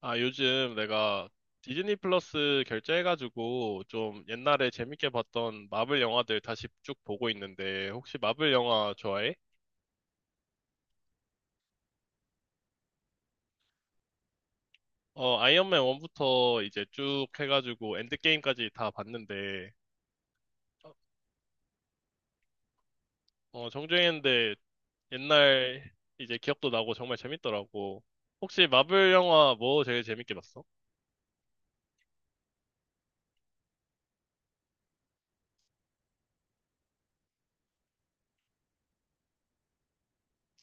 아, 요즘 내가 디즈니 플러스 결제해가지고 좀 옛날에 재밌게 봤던 마블 영화들 다시 쭉 보고 있는데 혹시 마블 영화 좋아해? 어, 아이언맨 1부터 이제 쭉 해가지고 엔드게임까지 다 봤는데 어, 정주행인데 옛날 이제 기억도 나고 정말 재밌더라고. 혹시 마블 영화 뭐 제일 재밌게 봤어?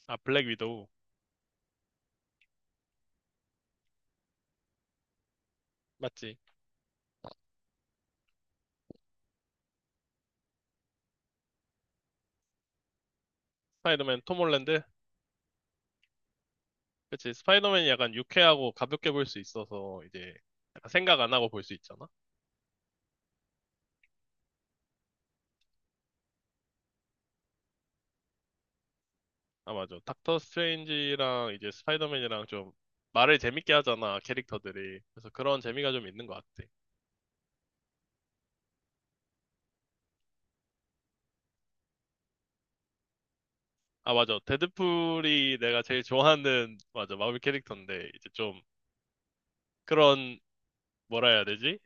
아, 블랙 위도우. 맞지? 스파이더맨 톰 홀랜드? 그치? 스파이더맨이 약간 유쾌하고 가볍게 볼 수 있어서 이제 약간 생각 안 하고 볼 수 있잖아. 아, 맞아. 닥터 스트레인지랑 이제 스파이더맨이랑 좀 말을 재밌게 하잖아, 캐릭터들이. 그래서 그런 재미가 좀 있는 것 같아. 아, 맞아. 데드풀이 내가 제일 좋아하는, 맞아, 마블 캐릭터인데, 이제 좀 그런, 뭐라 해야 되지?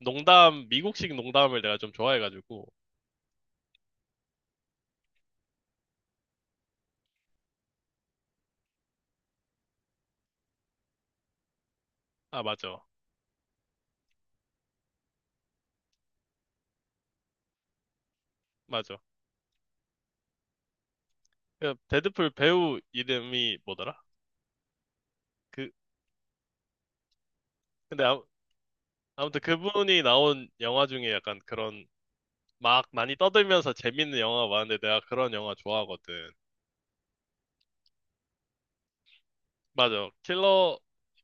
농담, 미국식 농담을 내가 좀 좋아해가지고. 아, 맞아. 맞아. 그 데드풀 배우 이름이 뭐더라? 그, 근데 아무튼 그분이 나온 영화 중에 약간 그런 막 많이 떠들면서 재밌는 영화가 많은데 내가 그런 영화 좋아하거든. 맞아. 킬러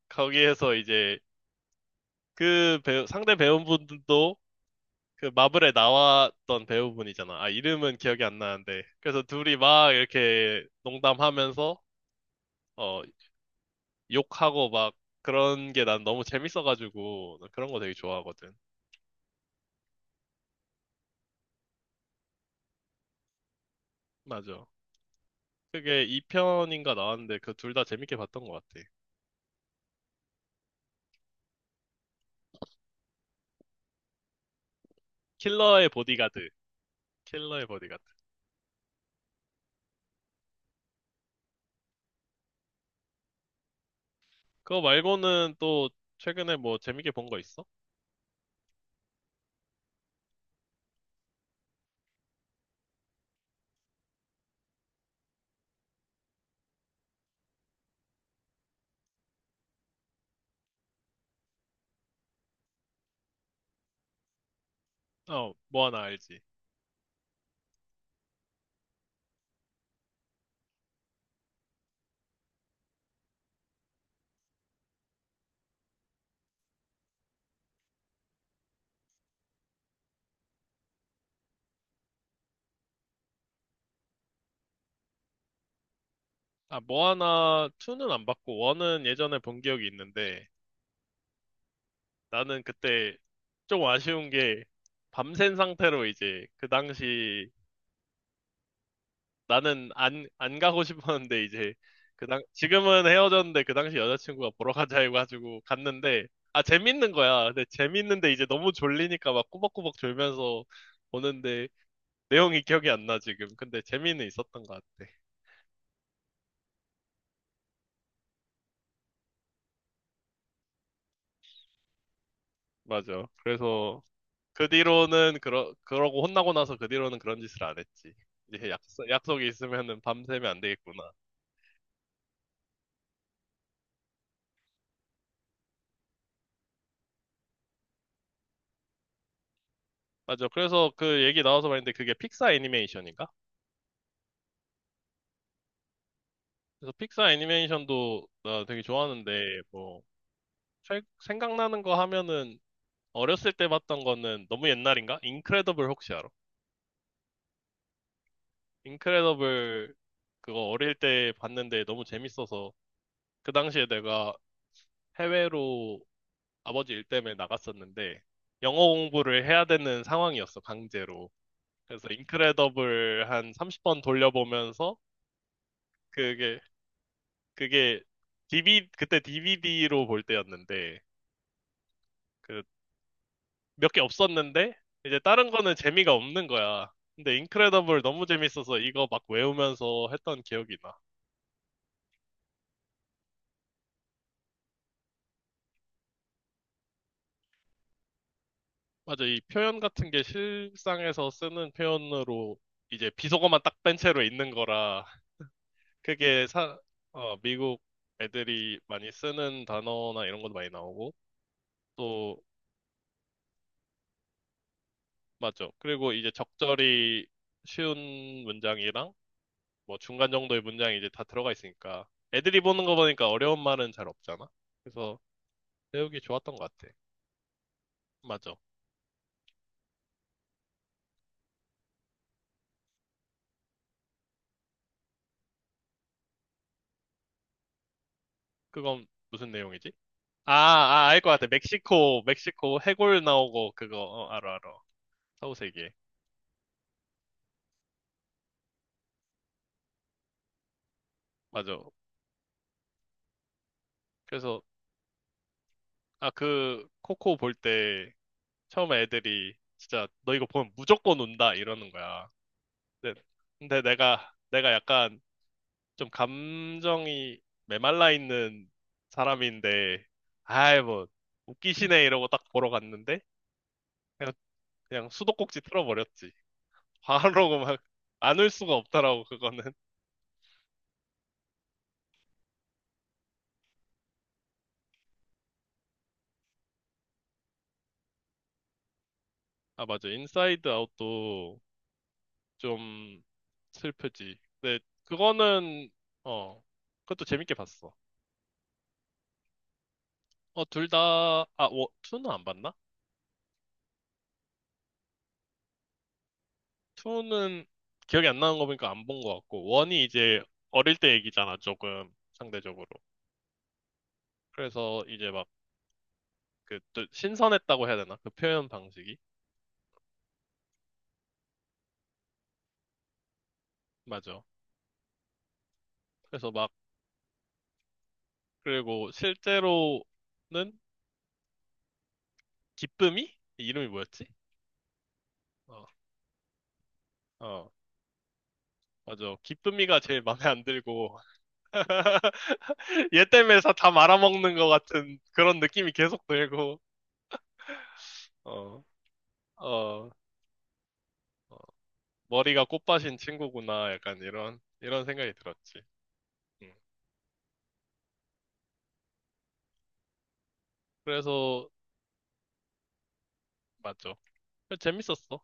거기에서 이제 그 배우, 상대 배우분들도 그 마블에 나왔던 배우분이잖아. 아, 이름은 기억이 안 나는데. 그래서 둘이 막 이렇게 농담하면서 어, 욕하고 막 그런 게 난 너무 재밌어가지고 나 그런 거 되게 좋아하거든. 맞아. 그게 2편인가 나왔는데 그 둘 다 재밌게 봤던 것 같아. 킬러의 보디가드. 킬러의 보디가드. 그거 말고는 또 최근에 뭐 재밌게 본 거 있어? 어, 뭐 하나 알지? 아, 모아나 2는 안 봤고, 1은 예전에 본 기억이 있는데, 나는 그때 좀 아쉬운 게, 밤샌 상태로 이제, 그 당시, 나는 안, 안 가고 싶었는데, 이제, 지금은 헤어졌는데, 그 당시 여자친구가 보러 가자 해가지고 갔는데, 아, 재밌는 거야. 근데 재밌는데, 이제 너무 졸리니까 막 꾸벅꾸벅 졸면서 보는데, 내용이 기억이 안 나, 지금. 근데 재미는 있었던 것 같아. 맞아. 그래서, 그 뒤로는 그러고 혼나고 나서 그 뒤로는 그런 짓을 안 했지. 이제 약속이 있으면은 밤새면 안 되겠구나. 맞아. 그래서 그 얘기 나와서 말인데 그게 픽사 애니메이션인가? 그래서 픽사 애니메이션도 나 되게 좋아하는데 뭐 생각나는 거 하면은 어렸을 때 봤던 거는 너무 옛날인가? 인크레더블 혹시 알아? 인크레더블 그거 어릴 때 봤는데 너무 재밌어서 그 당시에 내가 해외로 아버지 일 때문에 나갔었는데 영어 공부를 해야 되는 상황이었어, 강제로. 그래서 인크레더블 한 30번 돌려보면서 그게 그게 d v 그때 DVD로 볼 때였는데 그 몇 개 없었는데 이제 다른 거는 재미가 없는 거야. 근데 인크레더블 너무 재밌어서 이거 막 외우면서 했던 기억이 나. 맞아, 이 표현 같은 게 실상에서 쓰는 표현으로 이제 비속어만 딱 뺀 채로 있는 거라 그게 사, 어, 미국 애들이 많이 쓰는 단어나 이런 것도 많이 나오고, 또, 맞죠. 그리고 이제 적절히 쉬운 문장이랑, 뭐 중간 정도의 문장이 이제 다 들어가 있으니까, 애들이 보는 거 보니까 어려운 말은 잘 없잖아. 그래서 배우기 좋았던 것 같아. 맞아. 그건 무슨 내용이지? 아, 아, 알 것 같아. 멕시코, 멕시코 해골 나오고 그거, 어, 알아, 알아. 서우세계. 맞아. 그래서, 아, 그, 코코 볼 때, 처음에 애들이 진짜 너 이거 보면 무조건 운다 이러는 거야. 근데, 근데 내가 약간 좀 감정이 메말라 있는 사람인데 아이 뭐 웃기시네 이러고 딱 보러 갔는데 그냥, 그냥 수도꼭지 틀어버렸지. 바로 막 안 울 수가 없더라고 그거는. 아 맞아 인사이드 아웃도 좀 슬프지. 근데 그거는 어 그것도 재밌게 봤어. 어 둘 다 아 투는 안 봤나? 2는 기억이 안 나는 거 보니까 안 본 거 같고, 1이 이제 어릴 때 얘기잖아, 조금, 상대적으로. 그래서 이제 막, 그, 또 신선했다고 해야 되나? 그 표현 방식이? 맞아. 그래서 막, 그리고 실제로는 기쁨이? 이름이 뭐였지? 어, 어, 맞아. 기쁨이가 제일 마음에 안 들고, 얘 때문에 다 말아먹는 것 같은 그런 느낌이 계속 들고, 어, 어, 어, 머리가 꽃밭인 친구구나, 약간 이런 생각이 들었지. 음. 그래서 맞죠. 그래서 재밌었어.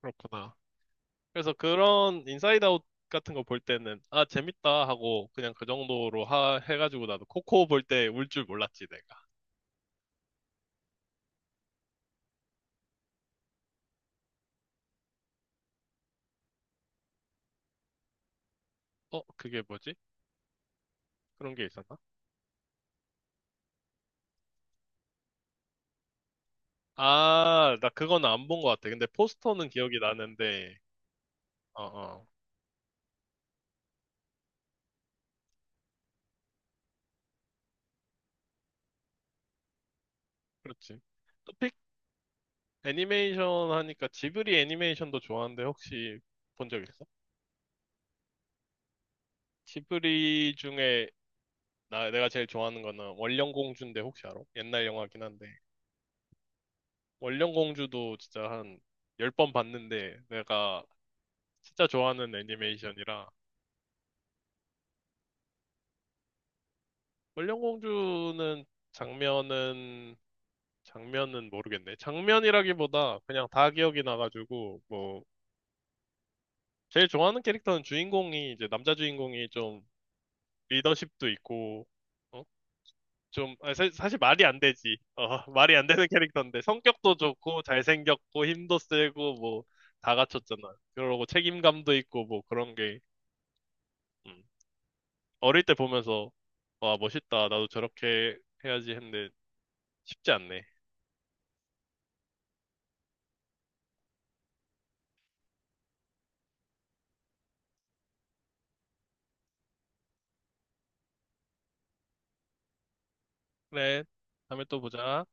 그렇구나. 그래서 그런 인사이드 아웃 같은 거 볼 때는 아 재밌다 하고 그냥 그 정도로 하 해가지고 나도 코코 볼 때 울 줄 몰랐지 내가. 어 그게 뭐지? 그런 게 있었나? 아 나 그건 안 본 것 같아. 근데 포스터는 기억이 나는데 어어 그렇지. 토픽 애니메이션 하니까 지브리 애니메이션도 좋아하는데 혹시 본 적 있어? 지브리 중에 나 내가 제일 좋아하는 거는 원령공주인데 혹시 알아? 옛날 영화긴 한데. 원령공주도 진짜 한 10번 봤는데 내가 진짜 좋아하는 애니메이션이라 원령공주는 장면은 장면은 모르겠네. 장면이라기보다 그냥 다 기억이 나가지고 뭐 제일 좋아하는 캐릭터는 주인공이 이제 남자 주인공이 좀 리더십도 있고 어? 좀, 아, 사, 실 말이 안 되지. 어, 말이 안 되는 캐릭터인데, 성격도 좋고, 잘생겼고, 힘도 세고, 뭐, 다 갖췄잖아. 그러고 책임감도 있고, 뭐, 그런 게. 음. 어릴 때 보면서 와 멋있다 나도 저렇게 해야지 했는데 쉽지 않네. 그래 다음에 또 보자.